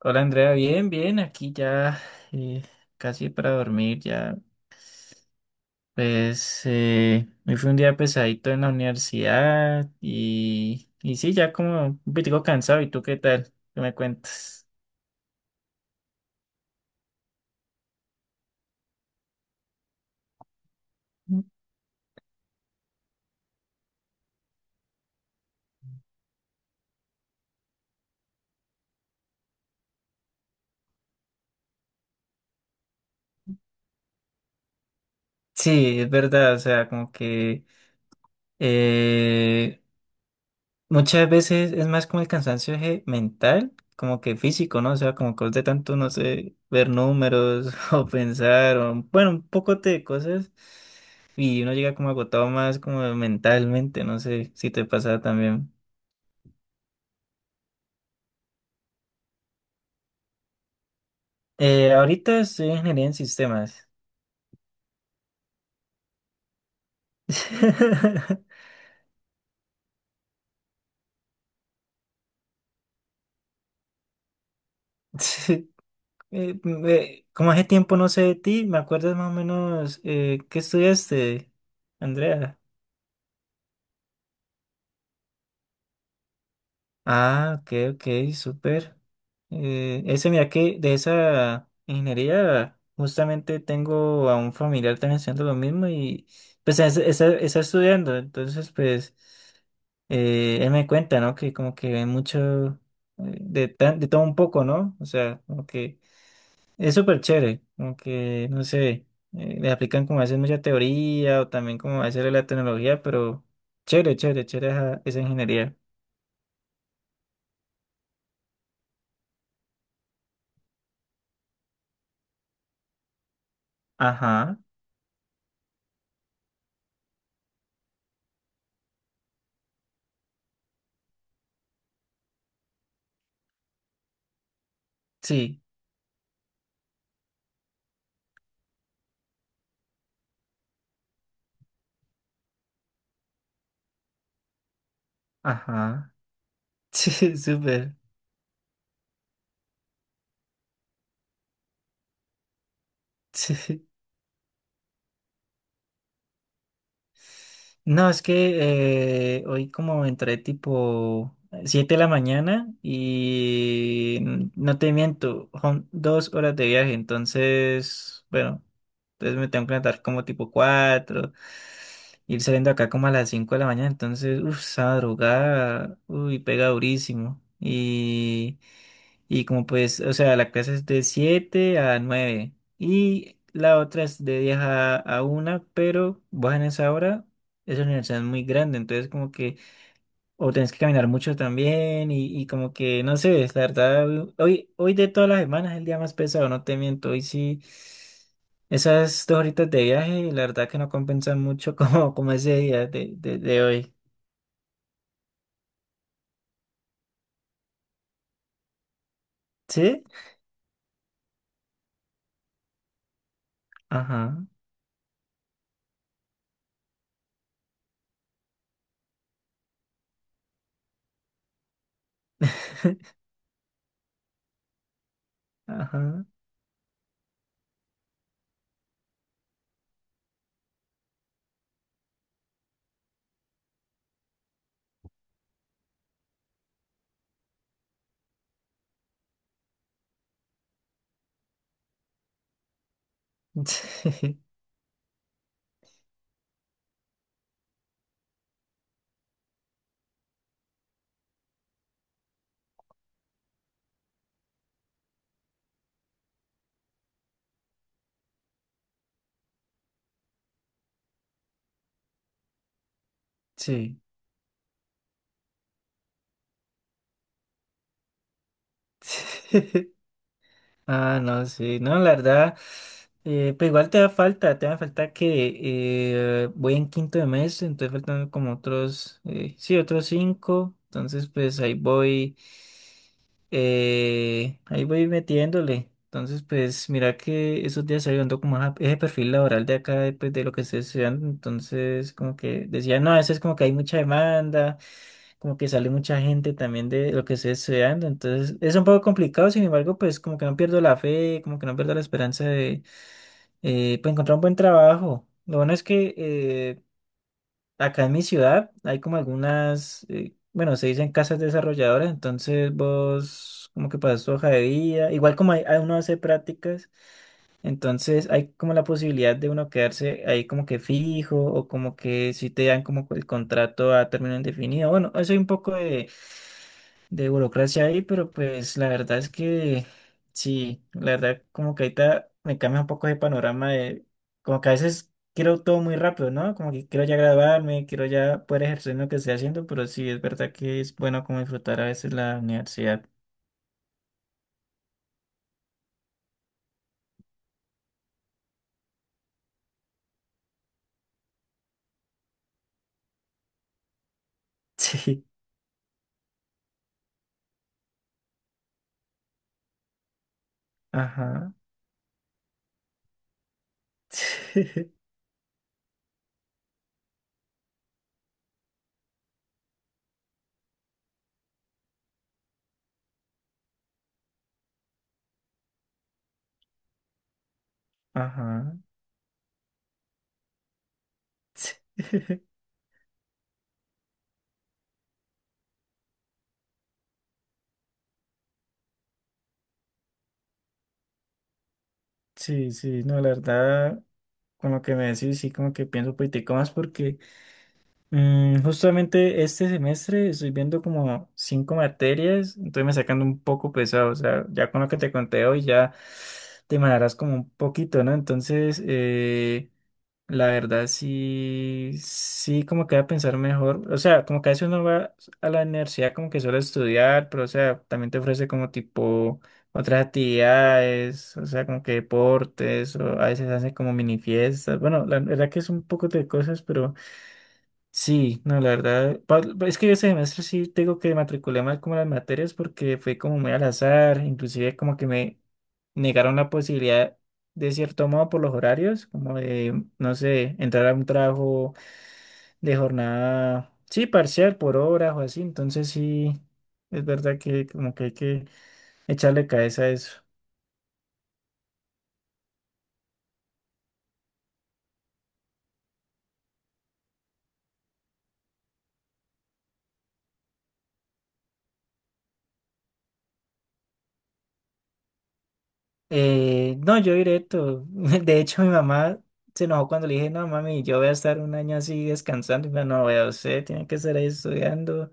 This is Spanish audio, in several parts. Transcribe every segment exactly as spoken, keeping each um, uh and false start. Hola Andrea, bien, bien, aquí ya eh, casi para dormir ya. Pues eh, hoy fue un día pesadito en la universidad y, y sí, ya como un poquito cansado. ¿Y tú qué tal? ¿Qué me cuentas? Sí, es verdad, o sea, como que eh, muchas veces es más como el cansancio eje mental, como que físico, ¿no? O sea, como que de tanto, no sé, ver números o pensar, o, bueno, un poco de cosas, y uno llega como agotado más como mentalmente, no sé si te pasa también. Eh, ahorita estoy en ingeniería en sistemas. Sí, eh, me- como hace tiempo no sé de ti, ¿me acuerdas más o menos eh, qué estudiaste, Andrea? Ah, ok, ok, súper. Eh, ese, mira que de esa ingeniería, justamente tengo a un familiar también haciendo lo mismo y pues es- es- está estudiando, entonces pues eh, él me cuenta, ¿no? Que como que ve mucho, eh, de, tan- de todo un poco, ¿no? O sea, como que es súper chévere, como que, no sé, eh, le aplican como a veces mucha teoría o también como a veces la tecnología, pero chévere, chévere, chévere esa, esa ingeniería. Ajá, sí. Ajá. Sí, súper. Sí. No, es que eh, hoy como entré tipo siete de la mañana y n- no te miento, son dos horas de viaje, entonces, bueno, entonces me tengo que levantar como tipo cuatro, ir saliendo acá como a las cinco de la mañana, entonces, uff, esa madrugada, uy, pega durísimo. Y, y como pues, o sea, la clase es de siete a nueve y la otra es de diez a, a una, pero bajan esa hora. Esa universidad es muy grande, entonces como que o tenés que caminar mucho también y, y como que no sé, es la verdad, hoy, hoy de todas las semanas es el día más pesado, no te miento, hoy sí, esas dos horitas de viaje, la verdad que no compensan mucho como, como ese día de, de, de hoy. ¿Sí? Ajá. Ajá. Sí. Sí. Ah, no, sí, no, la verdad, eh, pues igual te da falta, te da falta que eh, voy en quinto de mes, entonces faltan como otros, eh, sí, otros cinco, entonces pues ahí voy, eh, ahí voy metiéndole, entonces pues mira que esos días estoy viendo como esa- ese perfil laboral de acá, de, pues de lo que estoy estudiando, entonces como que decía, no, a veces como que hay mucha demanda, como que sale mucha gente también de lo que estoy estudiando, entonces es un poco complicado, sin embargo, pues como que no pierdo la fe, como que no pierdo la esperanza de eh, pues, encontrar un buen trabajo. Lo bueno es que eh, acá en mi ciudad hay como algunas, eh, bueno, se dicen casas desarrolladoras, entonces vos como que pasas tu hoja de vida, igual como hay, hay- uno hace prácticas, entonces hay como la posibilidad de uno quedarse ahí como que fijo o como que si te dan como el contrato a término indefinido. Bueno, eso hay un poco de de burocracia ahí, pero pues la verdad es que sí, la verdad como que ahorita me cambia un poco de panorama de como que a veces quiero todo muy rápido, ¿no? Como que quiero ya graduarme, quiero ya poder ejercer lo que estoy haciendo, pero sí, es verdad que es bueno como disfrutar a veces la universidad. Sí, ajá. Ajá. Sí, sí, no, la verdad, con lo que me decís, sí, como que pienso un poquitico más porque Mm, justamente este semestre estoy viendo como cinco materias, entonces me sacando un poco pesado, o sea, ya con lo que te conté hoy ya te mandarás como un poquito, ¿no? Entonces, eh, la verdad sí, sí como que voy a pensar mejor, o sea, como que a veces uno va a la universidad como que solo a estudiar, pero o sea, también te ofrece como tipo otras actividades, o sea, como que deportes, o a veces hacen como mini fiestas, bueno, la verdad que es un poco de cosas, pero. Sí, no, la verdad, pa- pa- es que ese semestre sí tengo que matriculé mal como las materias porque fue como muy al azar, inclusive como que me negaron la posibilidad de cierto modo por los horarios, como de, no sé, entrar a un trabajo de jornada, sí, parcial por horas o así, entonces sí, es verdad que como que hay que echarle cabeza a eso. Eh, no, yo directo. De hecho, mi mamá se enojó cuando le dije, no, mami, yo voy a estar un año así descansando. Y me dijo, no, vea, usted tiene que estar ahí estudiando.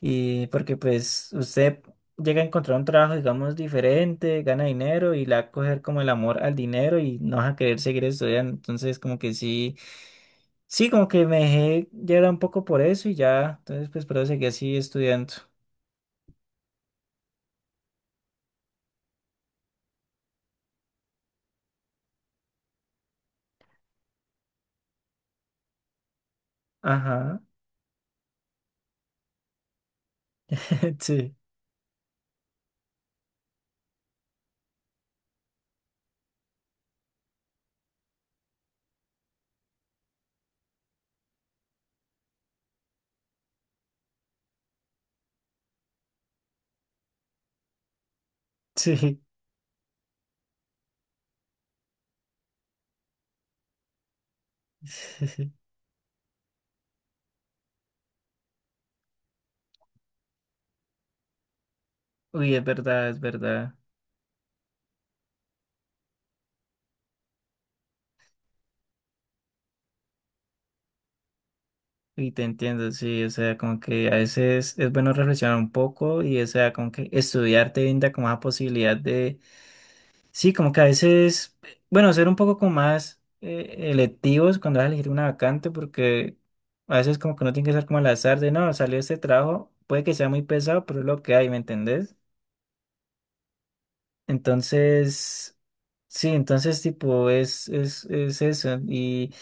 Y porque pues usted llega a encontrar un trabajo, digamos, diferente, gana dinero y le va a coger como el amor al dinero y no vas a querer seguir estudiando. Entonces, como que sí, sí, como que me dejé llevar un poco por eso y ya. Entonces, pues, pero seguí así estudiando. Ajá. Sí, sí. Uy, es verdad, es verdad. Y te entiendo, sí, o sea, como que a veces es bueno reflexionar un poco y, o sea, como que estudiar te brinda como esa posibilidad de, sí, como que a veces, bueno, ser un poco como más eh, electivos cuando vas a elegir una vacante, porque a veces como que no tiene que ser como al azar de, no, salió este trabajo, puede que sea muy pesado, pero es lo que hay, ¿me entendés? Entonces, sí, entonces tipo es, es, es eso. Y,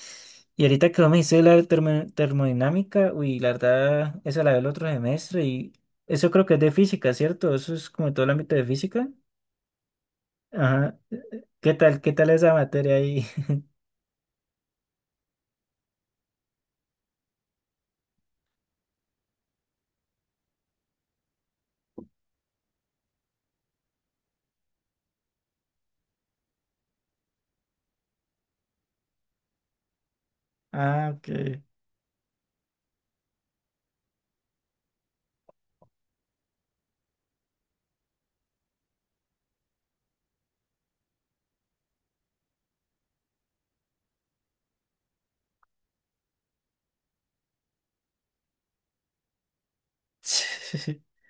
y ahorita que vos me dices la termo- termodinámica, uy, la verdad, esa la veo el otro semestre y eso creo que es de física, ¿cierto? Eso es como todo el ámbito de física. Ajá. ¿Qué tal? ¿Qué tal esa materia ahí? Ah, ok.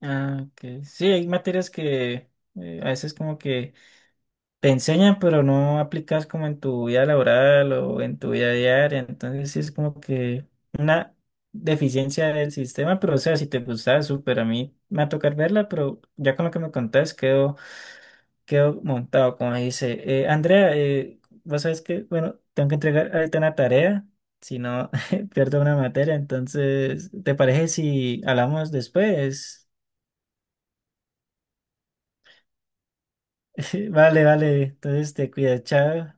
Ah, ok. Sí, hay materias que eh, a veces como que te enseñan, pero no aplicas como en tu vida laboral o en tu vida diaria. Entonces sí es como que una deficiencia del sistema, pero o sea, si te gustaba, súper. A mí me va a tocar verla, pero ya con lo que me contás quedo, quedo montado, como dice. Eh, Andrea, eh, vos sabes que, bueno, tengo que entregar ahorita una tarea, si no pierdo una materia. Entonces, ¿te parece si hablamos después? Vale, vale. Entonces te cuidas, chao.